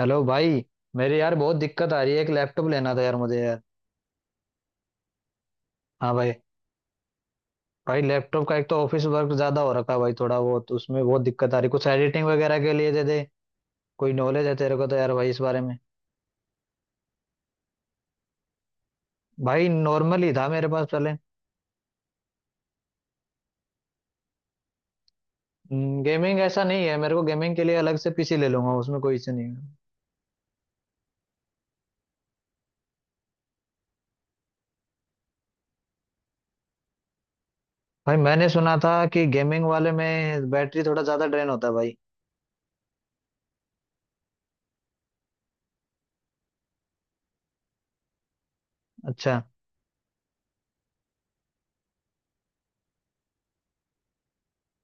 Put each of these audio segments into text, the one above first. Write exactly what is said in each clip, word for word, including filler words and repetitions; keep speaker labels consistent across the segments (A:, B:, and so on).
A: Hello भाई। मेरे यार बहुत दिक्कत आ रही है, एक लैपटॉप लेना था यार मुझे यार। हाँ भाई। भाई लैपटॉप का एक तो ऑफिस वर्क ज्यादा हो रखा है भाई, थोड़ा वो तो उसमें बहुत दिक्कत आ रही, कुछ एडिटिंग वगैरह के लिए दे दे। कोई नॉलेज है तेरे को तो यार भाई इस बारे में? भाई नॉर्मल ही था मेरे पास पहले। गेमिंग ऐसा नहीं है, मेरे को गेमिंग के लिए अलग से पीसी ले लूंगा, उसमें कोई इश्यू नहीं है। भाई मैंने सुना था कि गेमिंग वाले में बैटरी थोड़ा ज्यादा ड्रेन होता है भाई। अच्छा।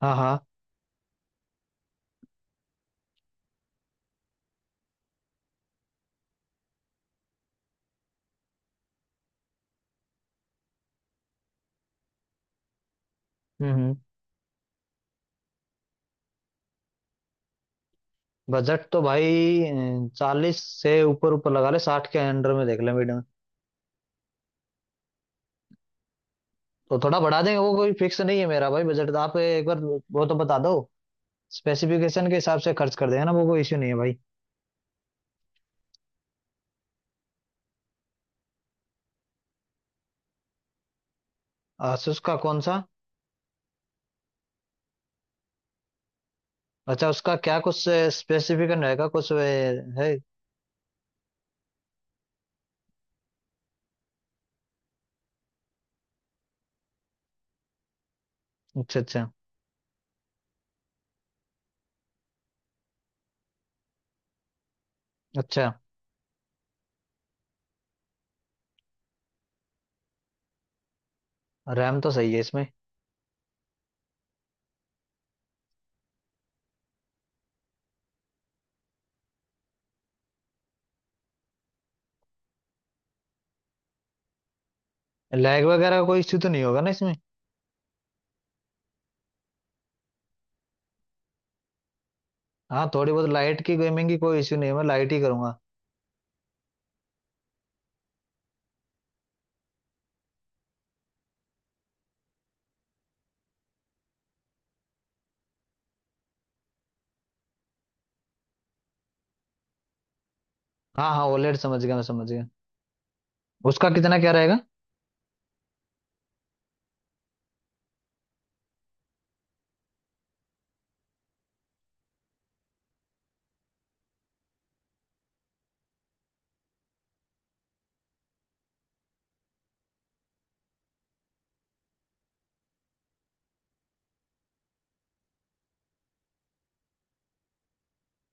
A: हाँ हाँ। हम्म हम्म। बजट तो भाई चालीस से ऊपर ऊपर लगा ले, साठ के अंडर में देख ले। तो थोड़ा बढ़ा देंगे, वो कोई फिक्स नहीं है मेरा भाई बजट, तो आप एक बार वो तो बता दो। स्पेसिफिकेशन के हिसाब से खर्च कर देंगे ना, वो कोई इश्यू नहीं है भाई। आसूस का कौन सा? अच्छा, उसका क्या कुछ स्पेसिफिकेशन रहेगा कुछ वे- है? अच्छा अच्छा। अच्छा। रैम तो सही है इसमें? लैग वगैरह का कोई इश्यू तो नहीं होगा ना इसमें? हाँ, थोड़ी बहुत लाइट की गेमिंग की कोई इश्यू नहीं है, मैं लाइट ही करूंगा। हाँ हाँ, ओलेड समझ गया, मैं समझ गया। उसका कितना क्या रहेगा?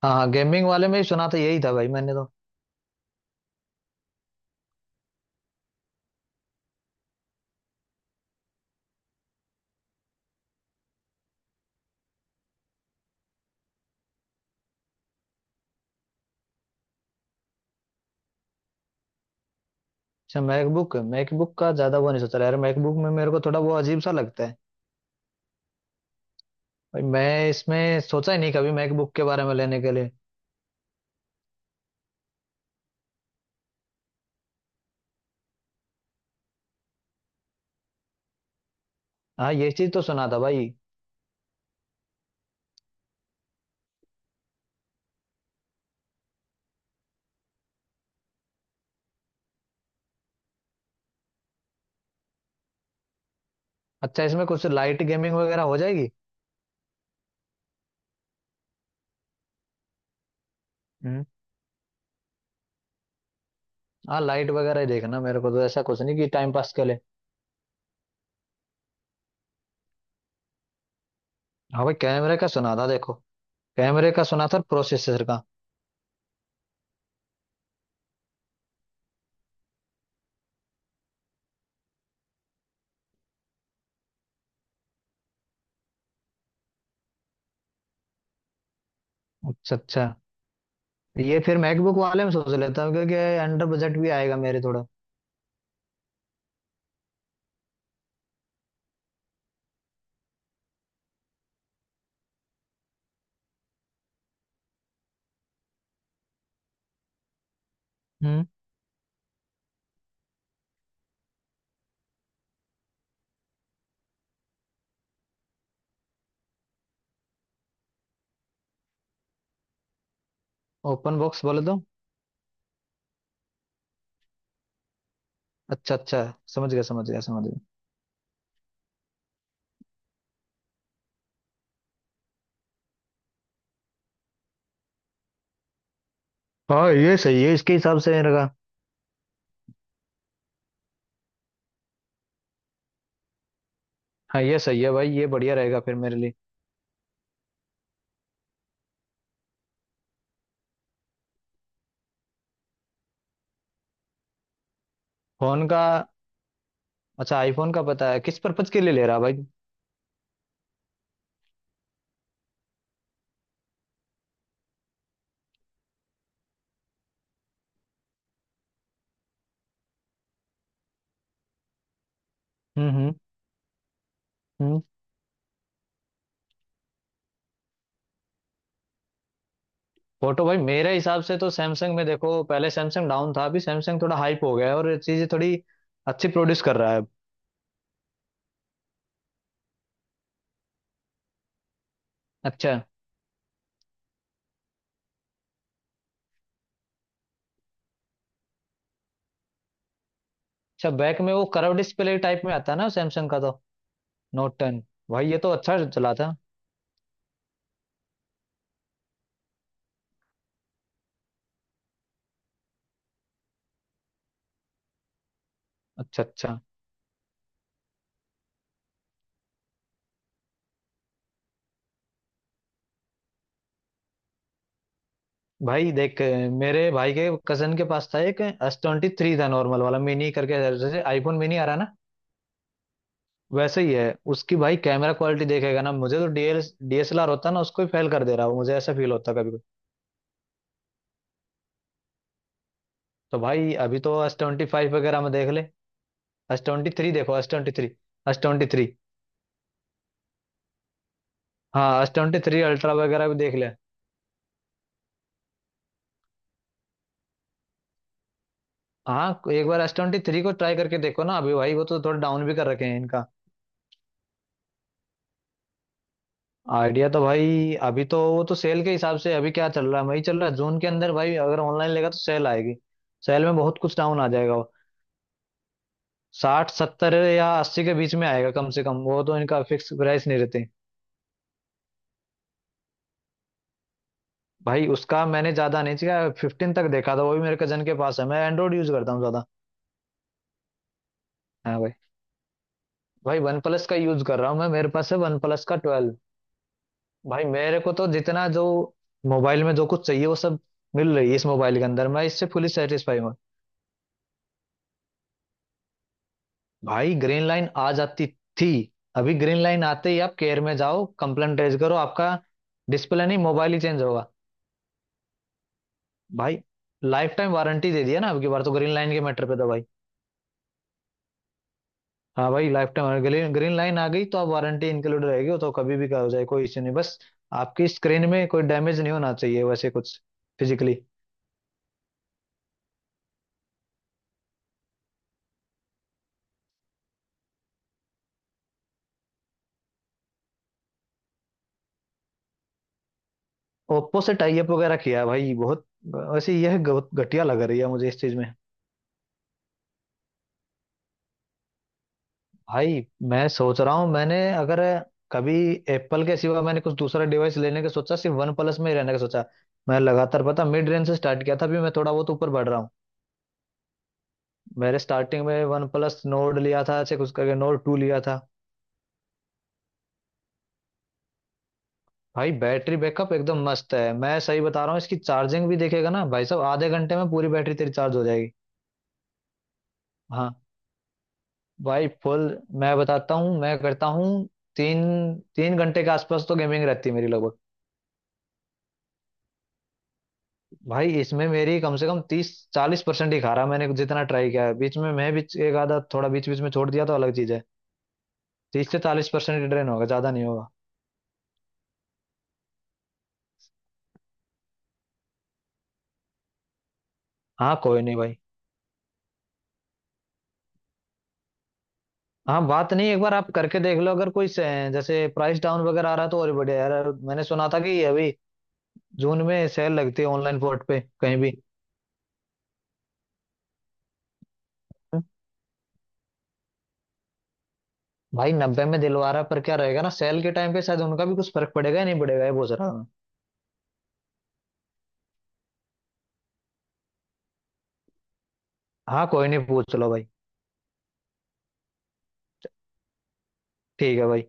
A: हाँ हाँ, गेमिंग वाले में ही सुना था, यही था भाई मैंने तो। अच्छा, मैकबुक मैकबुक का ज्यादा वो नहीं सोचा यार, मैकबुक में मेरे को थोड़ा वो अजीब सा लगता है। भाई मैं इसमें सोचा ही नहीं कभी मैकबुक के बारे में लेने के लिए। हाँ ये चीज तो सुना था भाई। अच्छा, इसमें कुछ लाइट गेमिंग वगैरह हो जाएगी? हम्म। हाँ, लाइट वगैरह ही देखना मेरे को, तो ऐसा कुछ नहीं कि टाइम पास के लिए। हाँ भाई, कैमरे का सुना था देखो। कैमरे का सुना था, प्रोसेसर का। अच्छा अच्छा, ये फिर मैकबुक वाले में सोच लेता हूँ क्योंकि अंडर बजट भी आएगा मेरे थोड़ा। हम्म। ओपन बॉक्स बोले तो? अच्छा अच्छा। समझ गया समझ गया समझ गया। हाँ ये सही है, इसके हिसाब से रहेगा। हाँ ये सही है भाई, ये बढ़िया रहेगा फिर मेरे लिए। फोन का? अच्छा, आईफोन का पता है, किस पर्पज के लिए ले रहा भाई? हम्म हम्म। हम्म। फोटो भाई मेरे हिसाब से तो सैमसंग में देखो। पहले सैमसंग डाउन था, अभी सैमसंग थोड़ा हाइप हो गया है और चीजें थोड़ी अच्छी प्रोड्यूस कर रहा है अब। अच्छा। अच्छा बैक में वो कर्व डिस्प्ले टाइप में आता है ना सैमसंग का तो, नोट टेन। भाई ये तो अच्छा चला था। अच्छा अच्छा। भाई देख, मेरे भाई के कजन के पास था एक एस ट्वेंटी थ्री था नॉर्मल वाला मिनी करके, जैसे आईफोन मिनी आ रहा है ना। वैसे ही है। उसकी भाई कैमरा क्वालिटी देखेगा ना, मुझे तो डीएल डीएसएलआर होता ना उसको ही फेल कर दे रहा हूँ, मुझे ऐसा फील होता कभी कभी। तो भाई अभी तो एस ट्वेंटी फाइव वगैरह में देख ले। एस ट्वेंटी थ्री देखो। S twenty three. S twenty three. हाँ एस ट्वेंटी थ्री अल्ट्रा वगैरह भी देख ले। हाँ, एक बार एस ट्वेंटी थ्री को ट्राई करके देखो ना अभी भाई, वो तो थोड़ा डाउन भी कर रखे हैं इनका। आइडिया तो भाई अभी तो, वो तो सेल के हिसाब से अभी क्या चल रहा है वही चल रहा है, जून के अंदर भाई अगर ऑनलाइन लेगा तो सेल आएगी। सेल में बहुत कुछ डाउन आ जाएगा। साठ सत्तर या अस्सी के बीच में आएगा कम से कम, वो तो इनका फिक्स प्राइस नहीं रहते। भाई उसका मैंने ज्यादा नहीं किया, फिफ्टीन तक देखा था, वो भी मेरे कजन के पास है, मैं एंड्रॉइड यूज करता हूँ ज्यादा। हाँ भाई। भाई वन प्लस का यूज कर रहा हूँ मैं, मेरे पास है वन प्लस का ट्वेल्व। भाई मेरे को तो जितना जो मोबाइल में जो कुछ चाहिए वो सब मिल रही है इस मोबाइल के अंदर, मैं इससे फुली सेटिस्फाई हूँ। भाई ग्रीन लाइन आ जाती थी। अभी ग्रीन लाइन आते ही आप केयर में जाओ, कंप्लेंट रेज करो, आपका डिस्प्ले नहीं मोबाइल ही चेंज होगा। भाई, लाइफ टाइम वारंटी दे दिया ना अब की बार, तो ग्रीन लाइन के मैटर पे था भाई। हाँ भाई life time, green green line आ गई तो अब वारंटी इंक्लूड रहेगी, वो तो कभी भी का हो जाए कोई इश्यू नहीं, बस। आपकी स्क्रीन में कोई डैमेज नहीं होना चाहिए वैसे कुछ, फिजिकली। ओप्पो से टाई अप वगैरह किया है भाई बहुत, वैसे यह बहुत घटिया लग रही है मुझे इस चीज में। भाई मैं सोच रहा हूँ, मैंने अगर कभी एप्पल के सिवा मैंने कुछ दूसरा डिवाइस लेने का सोचा, सिर्फ वन प्लस में ही रहने का सोचा। मैं लगातार, पता, मिड रेंज से स्टार्ट किया था, अभी मैं थोड़ा बहुत ऊपर बढ़ रहा हूँ। मैंने स्टार्टिंग में वन प्लस नोड लिया था, ऐसे कुछ करके नोड टू लिया था। भाई बैटरी बैकअप एकदम मस्त है, मैं सही बता रहा हूँ, इसकी चार्जिंग भी देखेगा ना भाई साहब, आधे घंटे में पूरी बैटरी तेरी चार्ज हो जाएगी। हाँ भाई फुल, मैं बताता हूँ, मैं करता हूँ। तीन तीन घंटे के आसपास तो गेमिंग रहती है मेरी लगभग। भाई इसमें मेरी कम से कम तीस चालीस परसेंट ही खा रहा है, मैंने जितना ट्राई किया है बीच में। मैं भी एक आधा थोड़ा बीच बीच में छोड़ दिया तो अलग चीज है। तीस से चालीस परसेंट ड्रेन होगा, ज्यादा नहीं होगा। हाँ कोई नहीं भाई। हाँ, बात नहीं, एक बार आप करके देख लो, अगर कोई से, जैसे प्राइस डाउन वगैरह आ रहा है तो और भी बढ़िया यार। मैंने सुना था कि अभी जून में सेल लगती है ऑनलाइन पोर्ट पे कहीं भी। हम्म। भाई नब्बे में दिलवा रहा है, पर क्या रहेगा ना सेल के टाइम पे शायद उनका भी कुछ फर्क पड़ेगा या नहीं पड़ेगा, ये पूछ रहा हूँ। हाँ कोई नहीं, पूछ लो भाई। ठीक है भाई।